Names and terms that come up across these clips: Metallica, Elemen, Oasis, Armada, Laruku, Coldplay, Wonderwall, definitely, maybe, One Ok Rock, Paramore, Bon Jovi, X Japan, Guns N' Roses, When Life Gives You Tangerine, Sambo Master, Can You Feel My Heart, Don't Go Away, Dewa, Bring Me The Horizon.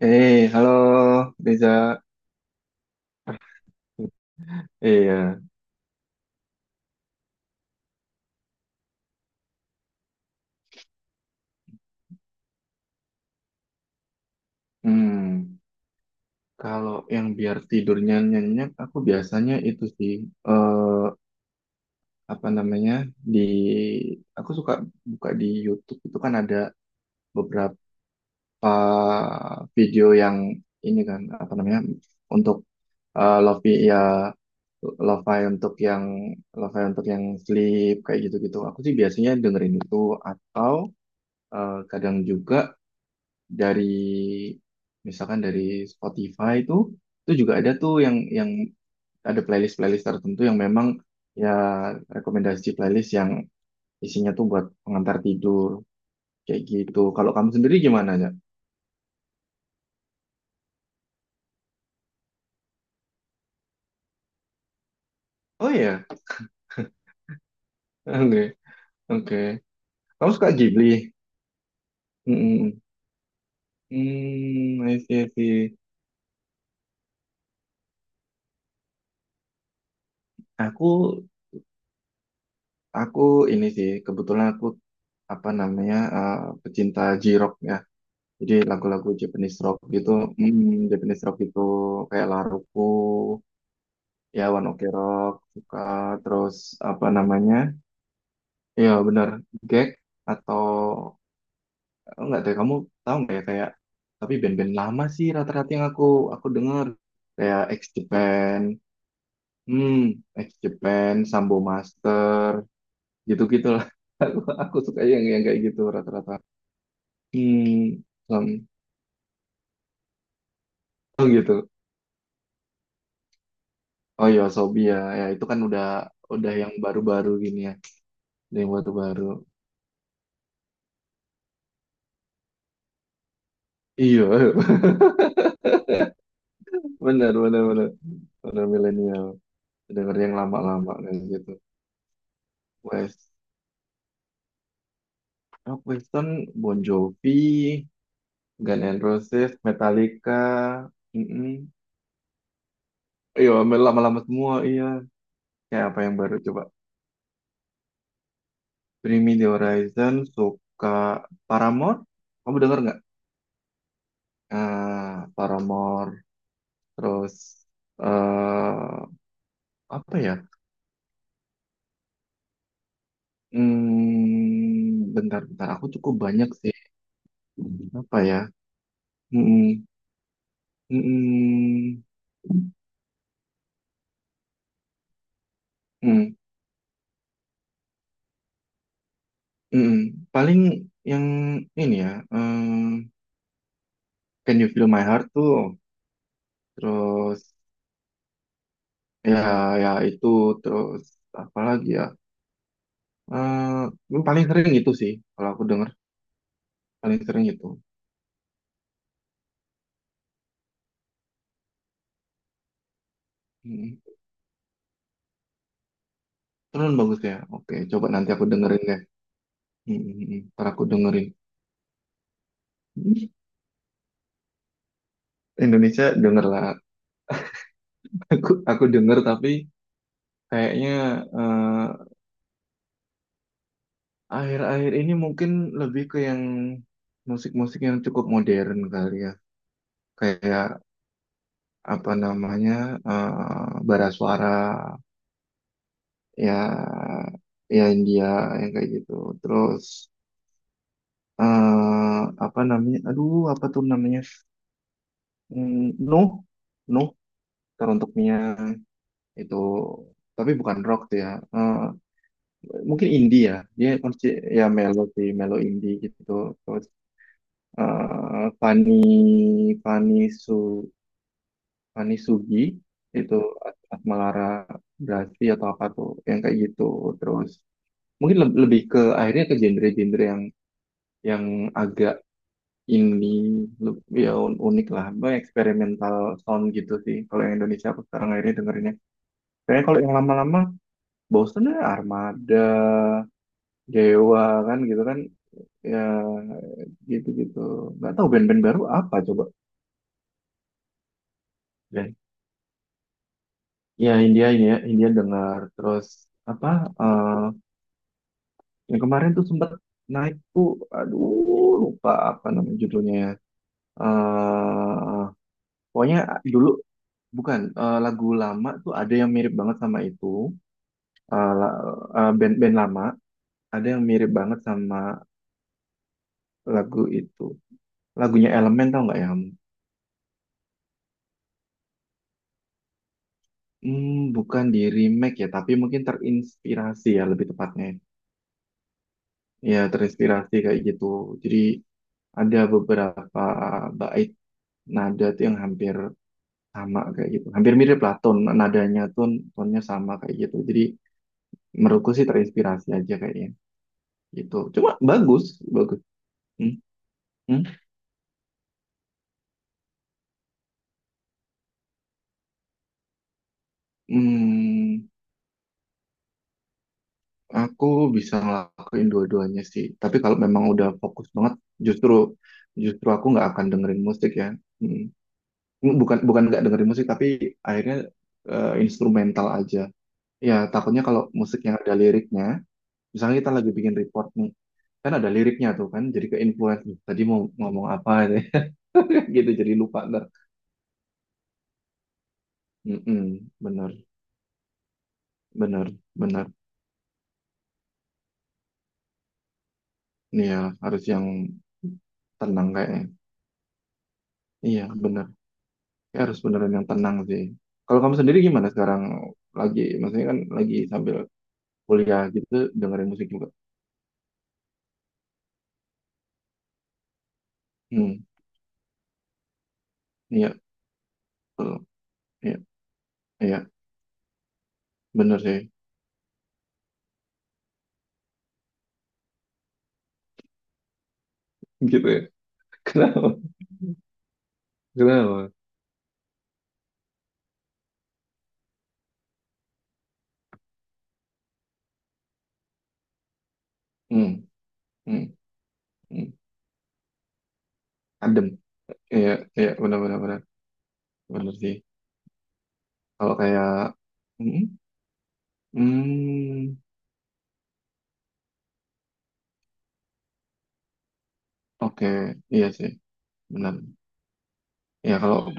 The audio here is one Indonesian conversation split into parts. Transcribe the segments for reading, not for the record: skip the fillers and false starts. Halo Reza. Iya. Hmm, Kalau yang biar tidurnya nyenyak, aku biasanya itu sih, eh, apa namanya, di, aku suka buka di YouTube itu kan ada beberapa video yang ini kan, apa namanya, untuk lofi ya, lo-fi untuk yang, lo-fi untuk yang sleep kayak gitu-gitu. Aku sih biasanya dengerin itu atau kadang juga dari misalkan dari Spotify itu juga ada tuh yang ada playlist-playlist tertentu yang memang ya rekomendasi playlist yang isinya tuh buat pengantar tidur kayak gitu. Kalau kamu sendiri gimana ya? Oh iya, oke oke. Kamu suka Ghibli? Mm-mm. I see, I see. Aku aku ini sih kebetulan aku apa namanya, pecinta J-Rock ya. Jadi lagu-lagu Japanese rock gitu, Japanese rock itu kayak Laruku, ya One Ok Rock, suka. Terus apa namanya? Iya benar, Gek atau oh, enggak deh. Kamu tahu nggak ya kayak tapi band-band lama sih rata-rata yang aku dengar kayak X Japan, hmm, X Japan, Sambo Master, gitu-gitu lah. Aku suka yang kayak gitu rata-rata. Hmm, um, oh gitu. Oh iya, Sobi ya. Ya itu kan udah yang baru-baru gini ya. Udah yang baru-baru. Iya, benar. Benar milenial. Dengar yang lama-lama kayak gitu. West, Rock Weston, Bon Jovi, Guns N' Roses, Metallica. mm Iya, lama-lama semua iya. Kayak apa yang baru coba? Bring Me The Horizon, suka. Paramore. Kamu denger nggak? Ah, Paramore. Terus eh apa ya? Bentar, bentar. Aku cukup banyak sih. Apa ya? Hmm, hmm, hmm, hmm. hmm. Paling yang ini ya. Can You Feel My Heart tuh. Terus ya, ya itu. Terus apa lagi ya? Paling sering itu sih. Kalau aku denger, paling sering itu. Hmm. Terus bagus ya. Oke, coba nanti aku dengerin deh. Hmm. Ntar aku dengerin. Indonesia denger lah. Aku denger tapi. Kayaknya eh, akhir-akhir ini mungkin lebih ke yang musik-musik yang cukup modern kali ya. Kayak apa namanya bara suara, ya ya India yang kayak gitu. Terus eh apa namanya? Aduh, apa tuh namanya? Mm, Nuh, Nuh teruntuk Mia itu, tapi bukan rock tuh ya. Eh, mungkin indie ya. Dia konsi- ya melo sih, melo indie gitu. Fani, Fani Su Fani Sugi itu, Atmalara Brasi atau apa tuh yang kayak gitu. Terus mungkin lebih ke akhirnya ke genre-genre yang agak ini, lebih ya, unik lah Bah, eksperimental sound gitu sih kalau yang Indonesia aku sekarang akhirnya dengerinnya. Kayaknya kalau yang lama-lama bosen, ya Armada Dewa kan gitu kan, ya gitu-gitu. Nggak tahu band-band baru apa coba. Ya India ini, ya India dengar. Terus apa eh yang kemarin tuh sempat naik tuh, aduh lupa apa nama judulnya ya. eh Pokoknya dulu bukan, lagu lama tuh ada yang mirip banget sama itu. eh la- Band band lama ada yang mirip banget sama lagu itu, lagunya Elemen. Tau nggak ya kamu? Bukan di remake ya, tapi mungkin terinspirasi ya lebih tepatnya. Ya terinspirasi kayak gitu. Jadi ada beberapa bait nada tuh yang hampir sama kayak gitu. Hampir mirip lah ton nadanya tuh, tonnya sama kayak gitu. Jadi menurutku sih terinspirasi aja kayaknya gitu. Cuma bagus, bagus. Hmm, hmm. Hmm, aku bisa ngelakuin dua-duanya sih. Tapi kalau memang udah fokus banget, justru justru aku nggak akan dengerin musik ya. Hmm. Bukan bukan nggak dengerin musik, tapi akhirnya instrumental aja. Ya takutnya kalau musik yang ada liriknya misalnya kita lagi bikin report nih, kan ada liriknya tuh kan, jadi ke influence, "Duh, tadi mau ngomong apa itu ya?" Gitu, jadi lupa ntar. Mm-mm, bener bener bener nih ya, harus yang tenang kayaknya. Iya bener. Kayak harus beneran yang tenang sih. Kalau kamu sendiri gimana sekarang, lagi maksudnya kan lagi sambil kuliah gitu, dengerin musik juga. hmm iya betul, iya, iya bener sih, gitu ya. Kenapa, kenapa. hmm, hmm, hmm. Adem, iya, iya benar benar bener sih. Kalau kayak, hmm, hmm, oke, iya sih, benar. Ya kalau,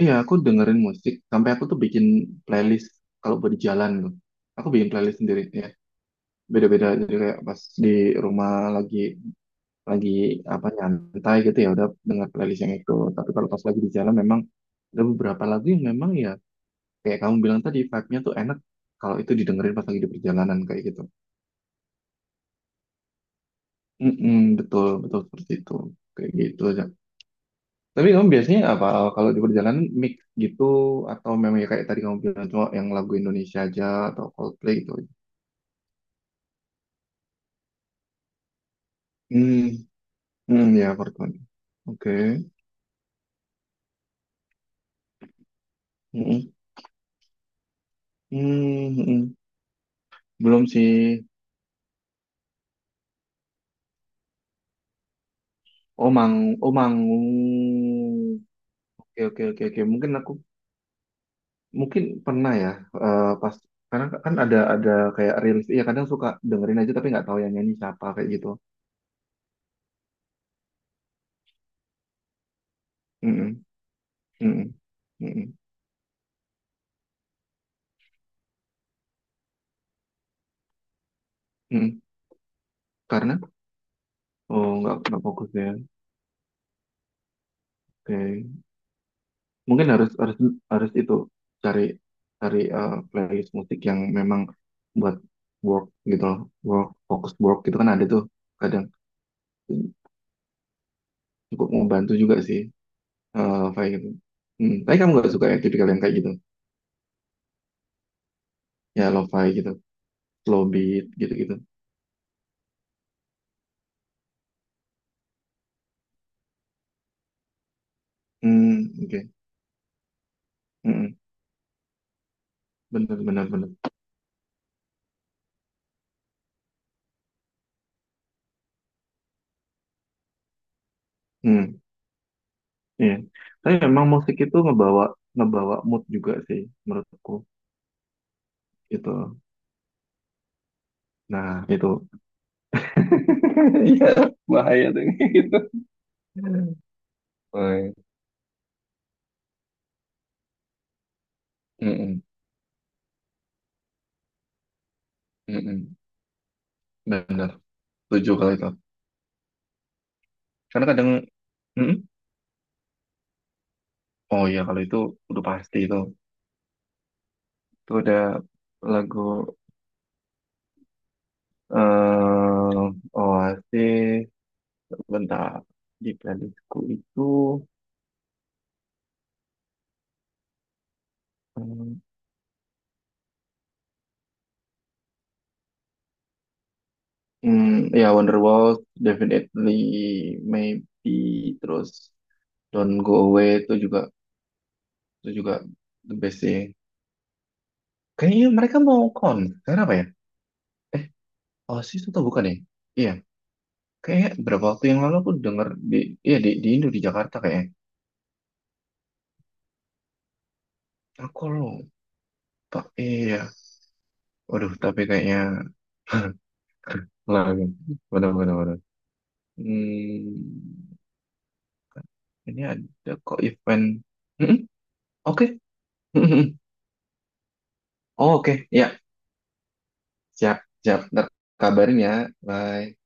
iya aku dengerin musik sampai aku tuh bikin playlist kalau buat di jalan tuh. Aku bikin playlist sendiri ya, beda-beda. Jadi kayak pas di rumah lagi lagi apa nyantai gitu, ya udah denger playlist yang itu. Tapi kalau pas lagi di jalan memang ada beberapa lagu yang memang ya kayak kamu bilang tadi vibe-nya tuh enak kalau itu didengerin pas lagi di perjalanan kayak gitu. Mm-mm, betul, betul seperti itu. Kayak gitu. Tapi kamu biasanya apa, kalau di perjalanan mix gitu, atau memang ya kayak tadi kamu bilang cuma yang lagu Indonesia aja atau Coldplay gitu. Hmm, hmm, ya pertemuan. Oke. Hmm, hmm, hmm. Belum sih. Oh Mang, oh Mangung. Oke oke oke oke. Mungkin aku mungkin pernah ya, pas karena kan ada kayak rilis, iya kadang suka dengerin aja tapi nggak tahu yang nyanyi siapa kayak gitu. Hmm, hmm, hmm, hmm, hmm. hmm. Karena oh nggak fokus ya. Oke. Mungkin harus harus harus itu, cari cari eh, playlist musik yang memang buat work gitu loh, work fokus work gitu kan ada tuh, kadang cukup membantu juga sih. Lo-fi gitu, hmm. tapi kamu gak suka ya tipikal yang kayak gitu. Ya lo-fi gitu, slow beat gitu gitu. hmm oke Hmm, bener bener bener. hmm iya, tapi memang musik itu ngebawa ngebawa mood juga sih menurutku gitu. Nah itu, iya, bahaya tuh. Gitu. Oh, iya. Mm-mm. Mm-mm. Benar, setuju kalau itu. Karena kadang, mm-mm, oh iya kalau itu udah pasti itu. Itu udah lagu. Oasis, bentar. Di playlistku itu, mm, mm, ya Wonderwall, definitely, maybe, terus Don't Go Away itu juga the best sih. Kayaknya mereka mau konser apa ya? Eh, Oasis itu bukan ya? Iya, kayak berapa waktu yang lalu aku denger di ya di Indo, di Jakarta kayaknya. Aku lupa. Iya. Waduh, tapi kayaknya lagi. Waduh, waduh, waduh. Hmm, ini ada kok event. Mm-mm, oke. Oh, oke. Ya, siap, siap. Ntar kabarin ya. Bye.